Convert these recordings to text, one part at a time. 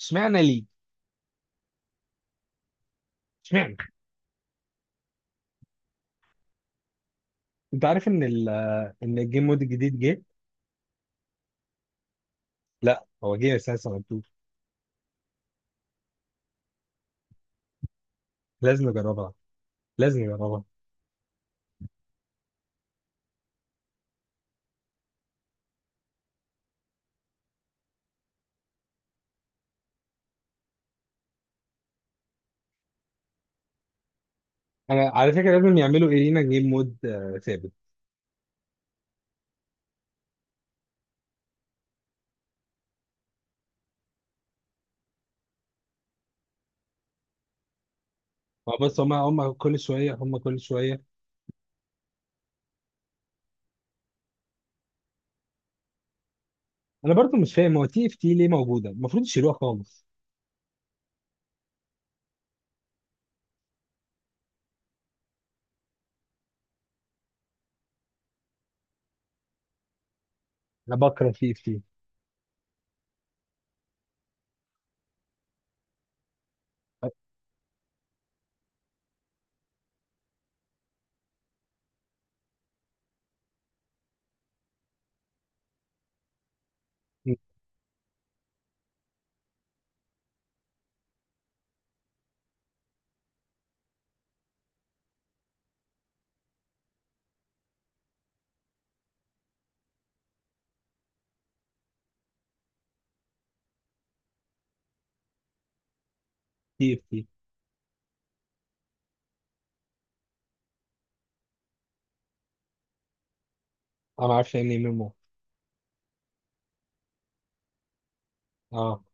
اشمعنى ليه؟ اشمعنى؟ انت عارف ان الجيم مود الجديد جه؟ لا، هو جه اساسا مكتوب. لازم نجربها. لازم نجربها. انا على فكره لازم يعملوا ايه لينا جيم مود ثابت. ما بس هم كل شويه، هم كل شويه. انا برضو مش فاهم، هو تي اف تي ليه موجوده؟ المفروض يشيلوها خالص. انا بكره تي اف تي. تي اف تي، انا ما اعرفش يعني ايه ميمو. اه.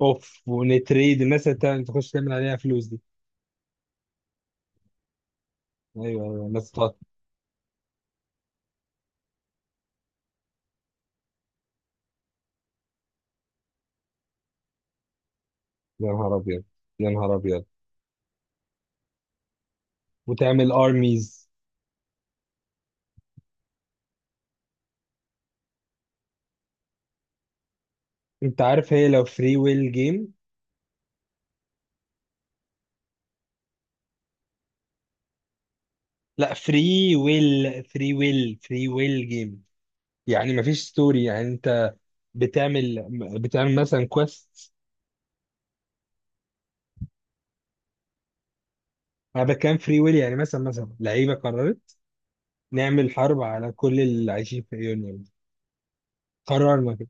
اوف، ونتريد الناس اللي تخش تعمل عليها فلوس دي. ايوه، ايوه، الناس تقعد. يا نهار ابيض، يا نهار ابيض. وتعمل ارميز. انت عارف هي لو فري ويل جيم؟ لا، فري ويل جيم. يعني مفيش ستوري يعني، انت بتعمل بتعمل مثلا كويست. انا بتكلم فري ويل يعني، مثلا لعيبه قررت نعمل حرب على كل اللي عايشين في يونيون. قررنا كده.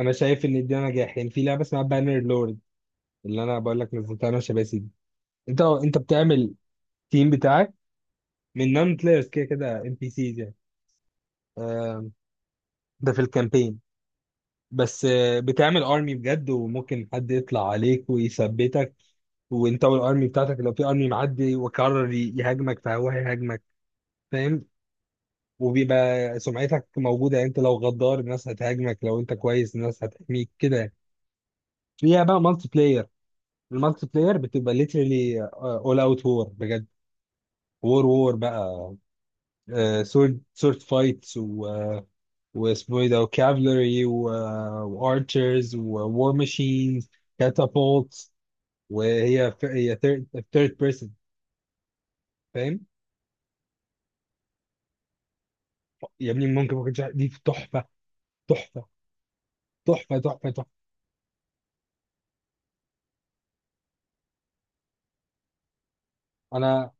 انا شايف ان ده نجاح، يعني في لعبه اسمها بانر لورد، اللي انا بقول لك نزلتها انا وشباسي دي. انت بتعمل تيم بتاعك من نون بلايرز، كده كده ام بي سيز يعني آه، ده في الكامبين. بس بتعمل ارمي بجد، وممكن حد يطلع عليك ويثبتك. وانت والارمي بتاعتك، لو في ارمي معدي وقرر يهاجمك، فهو هيهاجمك. فاهم؟ وبيبقى سمعتك موجودة يعني، انت لو غدار الناس هتهاجمك، لو انت كويس الناس هتحميك كده. فيها بقى مالتي بلاير. المالتي بلاير بتبقى ليترلي اول اوت وور بجد. وور وور بقى، سورد فايتس، و واسمه ايه ده، وكافلري وارشرز وور ماشينز، catapults. وهي ف- هي ثيرد بيرسون. فاهم؟ يا ابني، ممكن دي تحفه. تحفه، تحفه، تحفه، تحفه. انا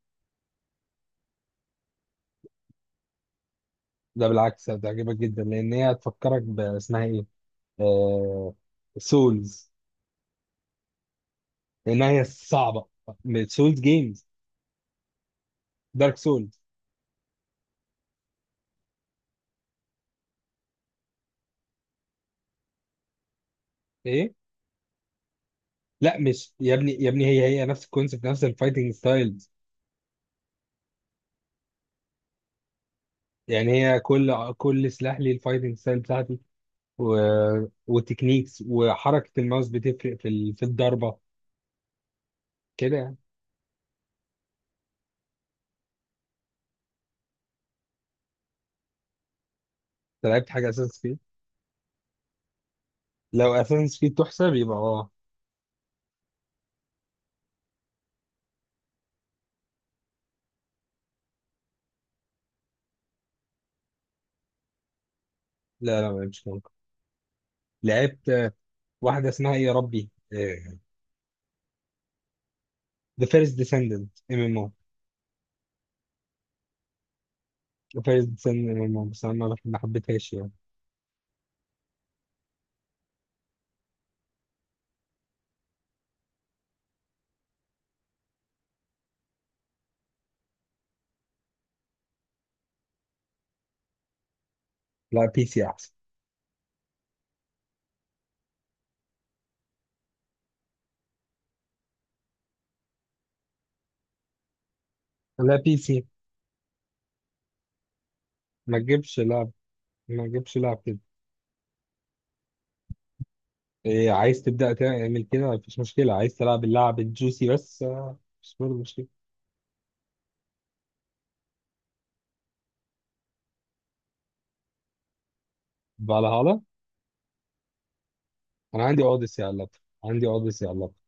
ده بالعكس هتعجبك جدا، لان هي هتفكرك اسمها ايه، آه... سولز. لانها هي صعبه. سولز جيمز، دارك سولز. ايه؟ لا مش يا ابني، يا ابني هي نفس الكونسيبت، نفس الفايتنج ستايلز. يعني هي كل سلاح ليه الفايتنج ستايل بتاعتي، و... وتكنيكس، وحركه الماوس بتفرق في الضربه كده يعني. انت لعبت حاجه اساسا؟ لو اساسنز كريد تحسب يبقى اه. لا، لا، مش ممكن. لعبت واحده اسمها ايه يا ربي، ذا فيرست ديسندنت ام ام او. ذا فيرست ديسندنت ام ام او، بس انا ما حبيتهاش يعني. لا، بي سي احسن. لا، بي سي. ما تجيبش لعب، ما تجيبش لعب كده. إيه؟ عايز تبدا تعمل كده، مفيش مشكله. عايز تلعب اللعب الجوسي بس مش برضه مشكله. فالهالا. انا عندي اوديسي على اللابتوب، عندي اوديسي على اللابتوب.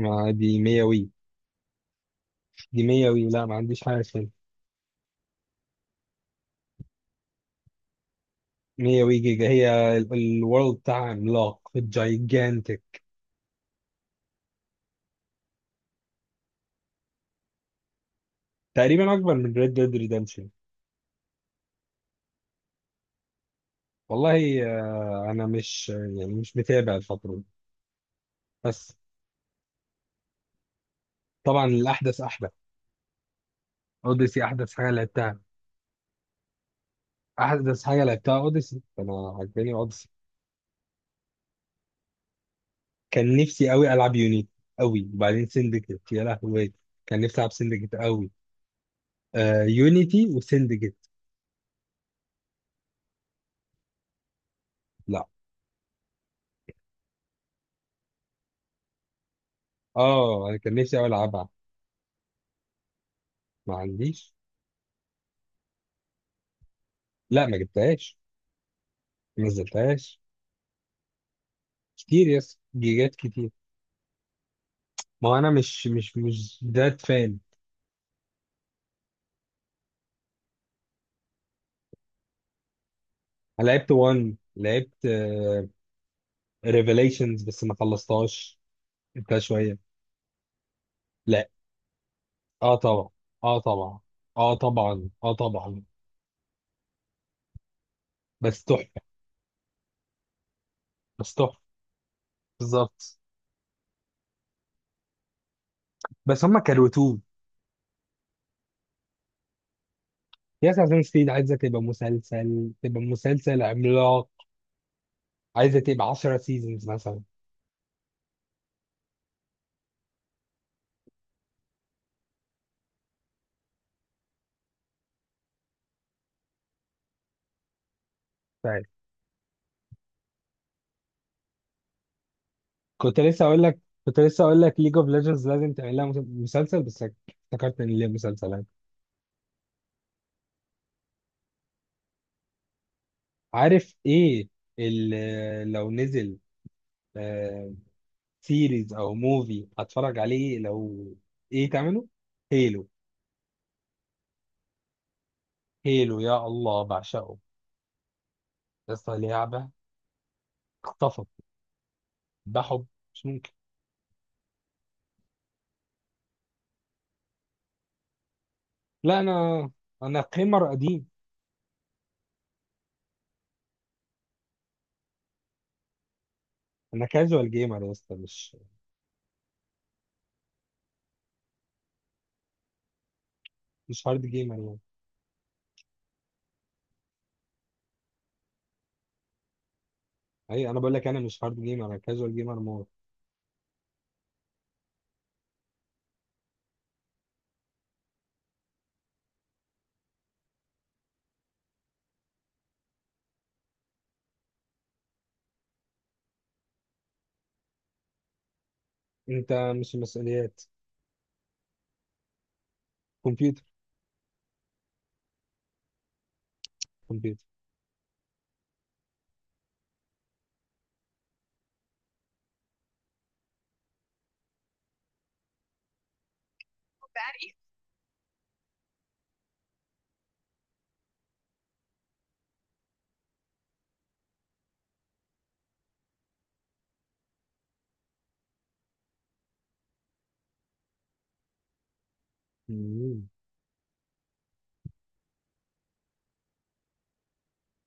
ما دي 100 وي. دي 100 وي، لا، ما عنديش حاجه تاني. 100 جيجا. هي الورلد بتاعها عملاق، جايجانتك. تقريبا اكبر من ريد ديد ريدمشن. والله انا مش، يعني مش متابع الفتره دي. بس طبعا الاحدث احدث. اوديسي احدث حاجه لعبتها، احدث حاجه لعبتها اوديسي. انا عجباني اوديسي. كان نفسي قوي العب يونيتي قوي، وبعدين سندكت يا لهوي. كان نفسي العب سندكت قوي. آه، يونيتي وسندكت. لا، اه، انا كان نفسي قوي العبها. ما عنديش. لا، ما جبتهاش. ما نزلتهاش. كتير، يس، جيجات كتير. ما هو انا مش ذات فان. انا لعبت 1، لعبت ريفيليشنز بس ما خلصتهاش. انت شويه. لا. اه طبعا. اه طبعا، اه طبعا، اه طبعا. بس تحفه. بس تحفه. بالظبط. بس هم كروتون. يس، عشان ستيد عايزه تبقى مسلسل، تبقى مسلسل عملاق. عايزه تبقى 10 سيزونز مثلا. طيب. كنت لسه اقول لك كنت لسه اقول لك ليج اوف ليجندز لازم تعمل لها مسلسل، بس افتكرت ان ليها مسلسلات. عارف ايه؟ لو نزل سيريز او موفي هتفرج عليه؟ لو ايه تعمله؟ هيلو. هيلو، يا الله، بعشقه. بس لعبة، اخطفت، بحب، مش ممكن. لا، انا قيمر قديم. انا كاجوال جيمر يا اسطى، مش مش هارد جيمر يعني. اي، انا بقول لك، انا مش هارد جيمر، انا كاجوال جيمر مور. انت مش، مسؤوليات، كمبيوتر، كمبيوتر.